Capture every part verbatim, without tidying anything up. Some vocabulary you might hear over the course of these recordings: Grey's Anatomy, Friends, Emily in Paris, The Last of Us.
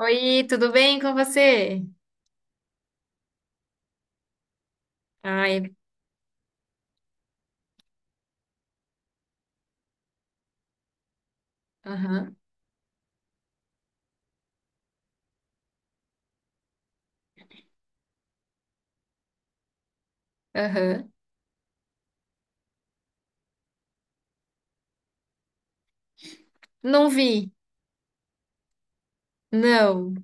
Oi, tudo bem com você? Ai. Aham, aham. Não vi. Não.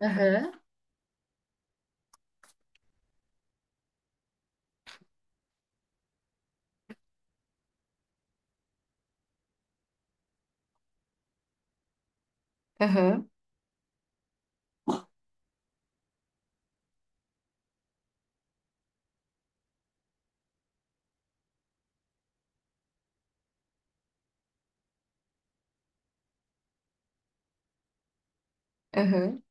Aham, aham, aham.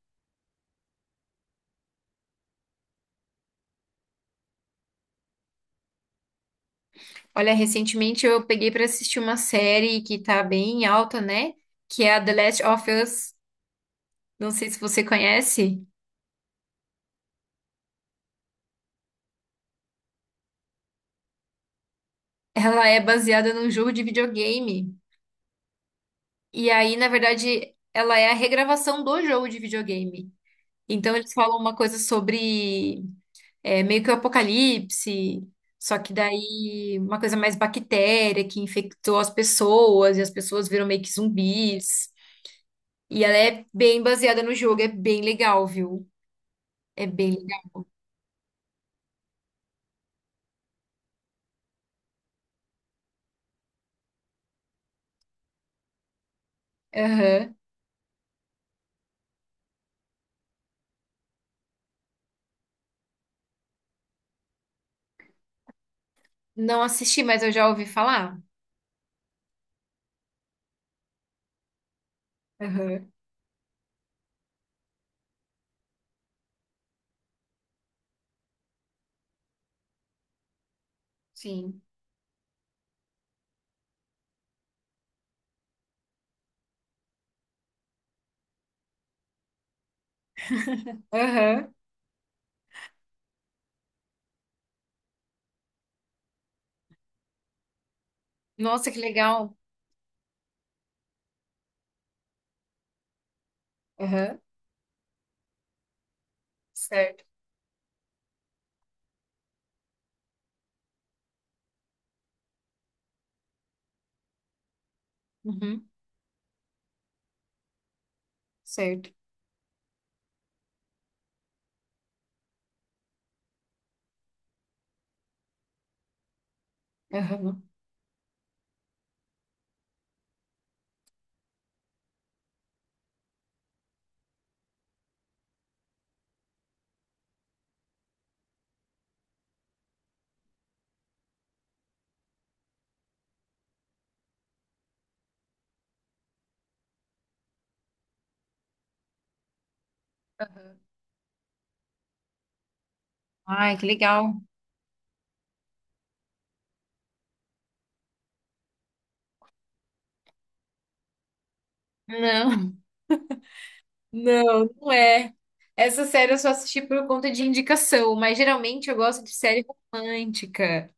Olha, recentemente eu peguei pra assistir uma série que tá bem alta, né? Que é a The Last of Us. Não sei se você conhece. Ela é baseada num jogo de videogame. E aí, na verdade, ela é a regravação do jogo de videogame. Então, eles falam uma coisa sobre. É meio que o apocalipse, só que daí uma coisa mais bactéria que infectou as pessoas e as pessoas viram meio que zumbis. E ela é bem baseada no jogo, é bem legal, viu? É bem legal. Aham. Não assisti, mas eu já ouvi falar. Aham. Sim. Aham. Nossa, que legal. Aham. Certo. Uhum. Certo. Aham. Aham. Ai, que legal. Não. Não, não é. Essa série eu só assisti por conta de indicação, mas geralmente eu gosto de série romântica.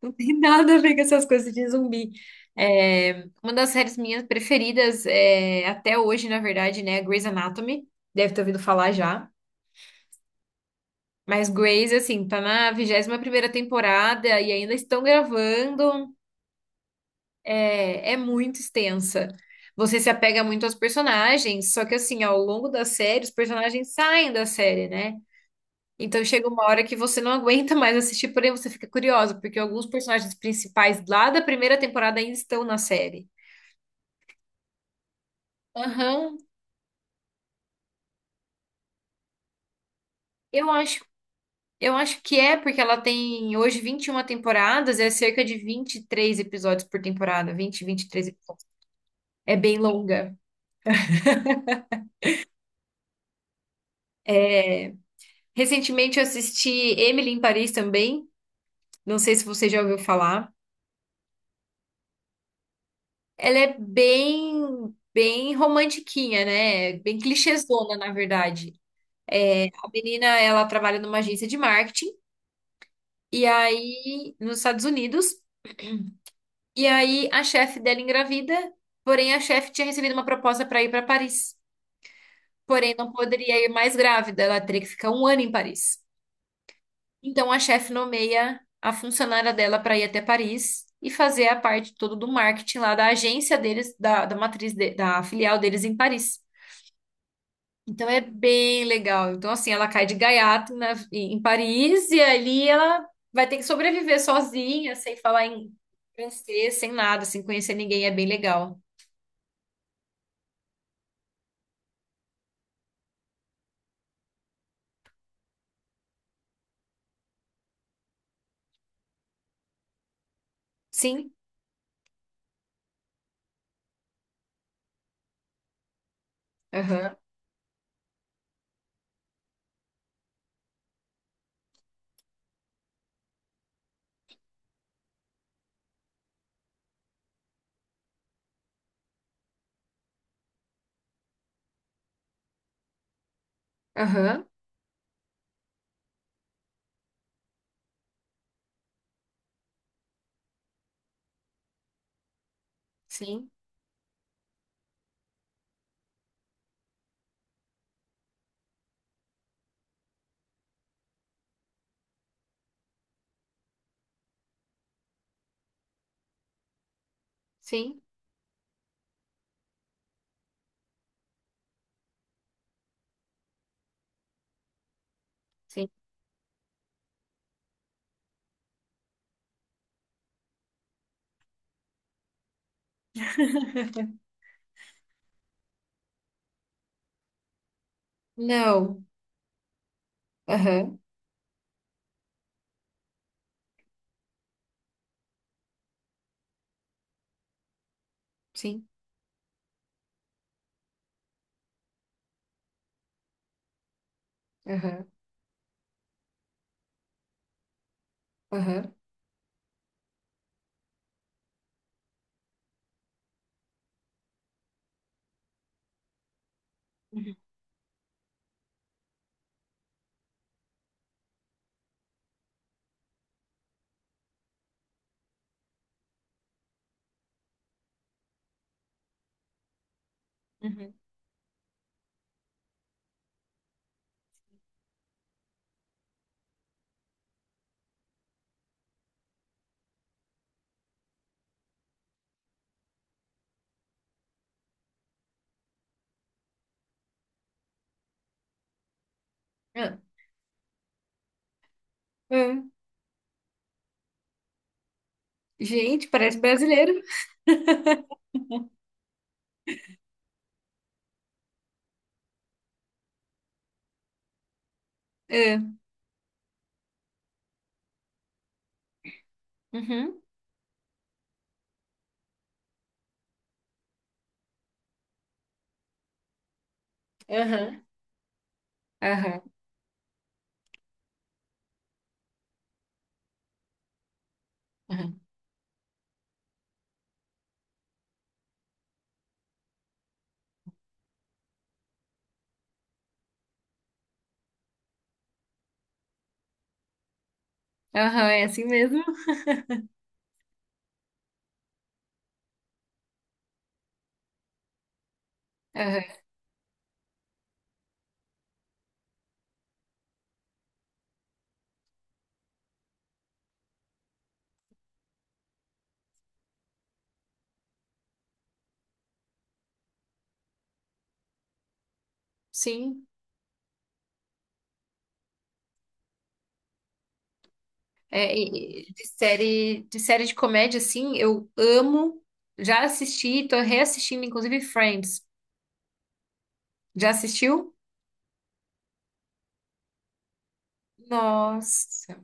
Não tem nada a ver com essas coisas de zumbi. É, uma das séries minhas preferidas é, até hoje, na verdade, né? É Grey's Anatomy. Deve ter ouvido falar já. Mas Grey's, assim, tá na vigésima primeira temporada e ainda estão gravando. É, é muito extensa. Você se apega muito aos personagens, só que assim, ao longo da série, os personagens saem da série, né? Então chega uma hora que você não aguenta mais assistir, porém você fica curiosa, porque alguns personagens principais lá da primeira temporada ainda estão na série. Aham. Eu acho, eu acho que é, porque ela tem hoje vinte e uma temporadas, é cerca de vinte e três episódios por temporada, vinte, vinte e três episódios. É bem longa. É. Recentemente eu assisti Emily em Paris também. Não sei se você já ouviu falar. Ela é bem, bem romantiquinha, né? Bem clichêzona, na verdade. A menina, ela trabalha numa agência de marketing, e aí, nos Estados Unidos, e aí a chefe dela engravida, porém a chefe tinha recebido uma proposta para ir para Paris, porém não poderia ir mais grávida, ela teria que ficar um ano em Paris. Então a chefe nomeia a funcionária dela para ir até Paris e fazer a parte toda do marketing lá da agência deles, da, da matriz, de- da filial deles em Paris. Então é bem legal. Então, assim, ela cai de gaiato na- em Paris e ali ela vai ter que sobreviver sozinha, sem falar em francês, sem nada, sem conhecer ninguém. É bem legal. Sim, aham, aham, sim, sim, sim. Não, aham, sim, aham, aham. Uhum, uhum. Ah, ah. Gente, parece brasileiro. Ah. Uhum. Aham, aham, aham, aham, é assim mesmo. Aham. Sim. É, e- e de série, de série de comédia, assim, eu amo. Já assisti, tô reassistindo, inclusive, Friends. Já assistiu? Nossa,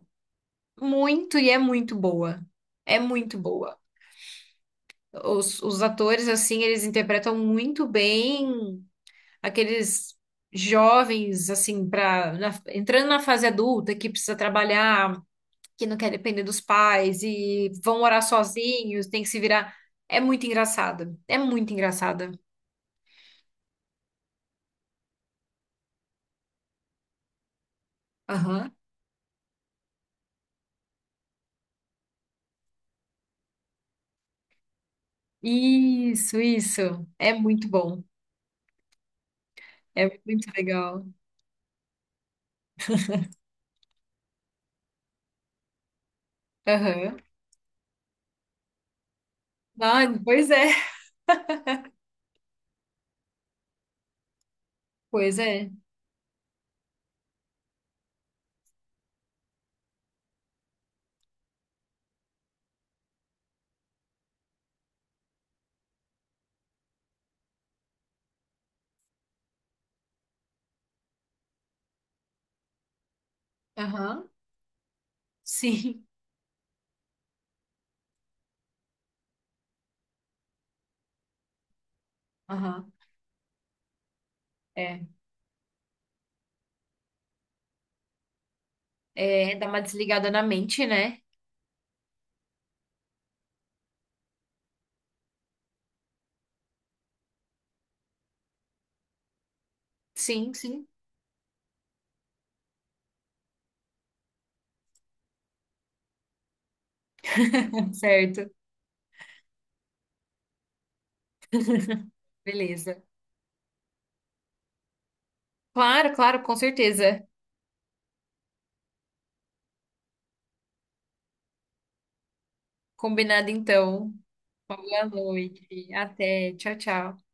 muito e é muito boa. É muito boa. Os, os atores, assim, eles interpretam muito bem aqueles jovens, assim, pra, na- entrando na fase adulta, que precisa trabalhar, que não quer depender dos pais e vão morar sozinhos, tem que se virar. É muito engraçada. É muito engraçada. Aham. Isso, isso. É muito bom. É muito legal. Aham. Ah, pois é. Pois é. Aham. Sim. Aham. É. É, dá uma desligada na mente, né? Sim, sim. Certo. Beleza. Claro, claro, com certeza. Combinado então. Uma boa noite. Até. Tchau, tchau.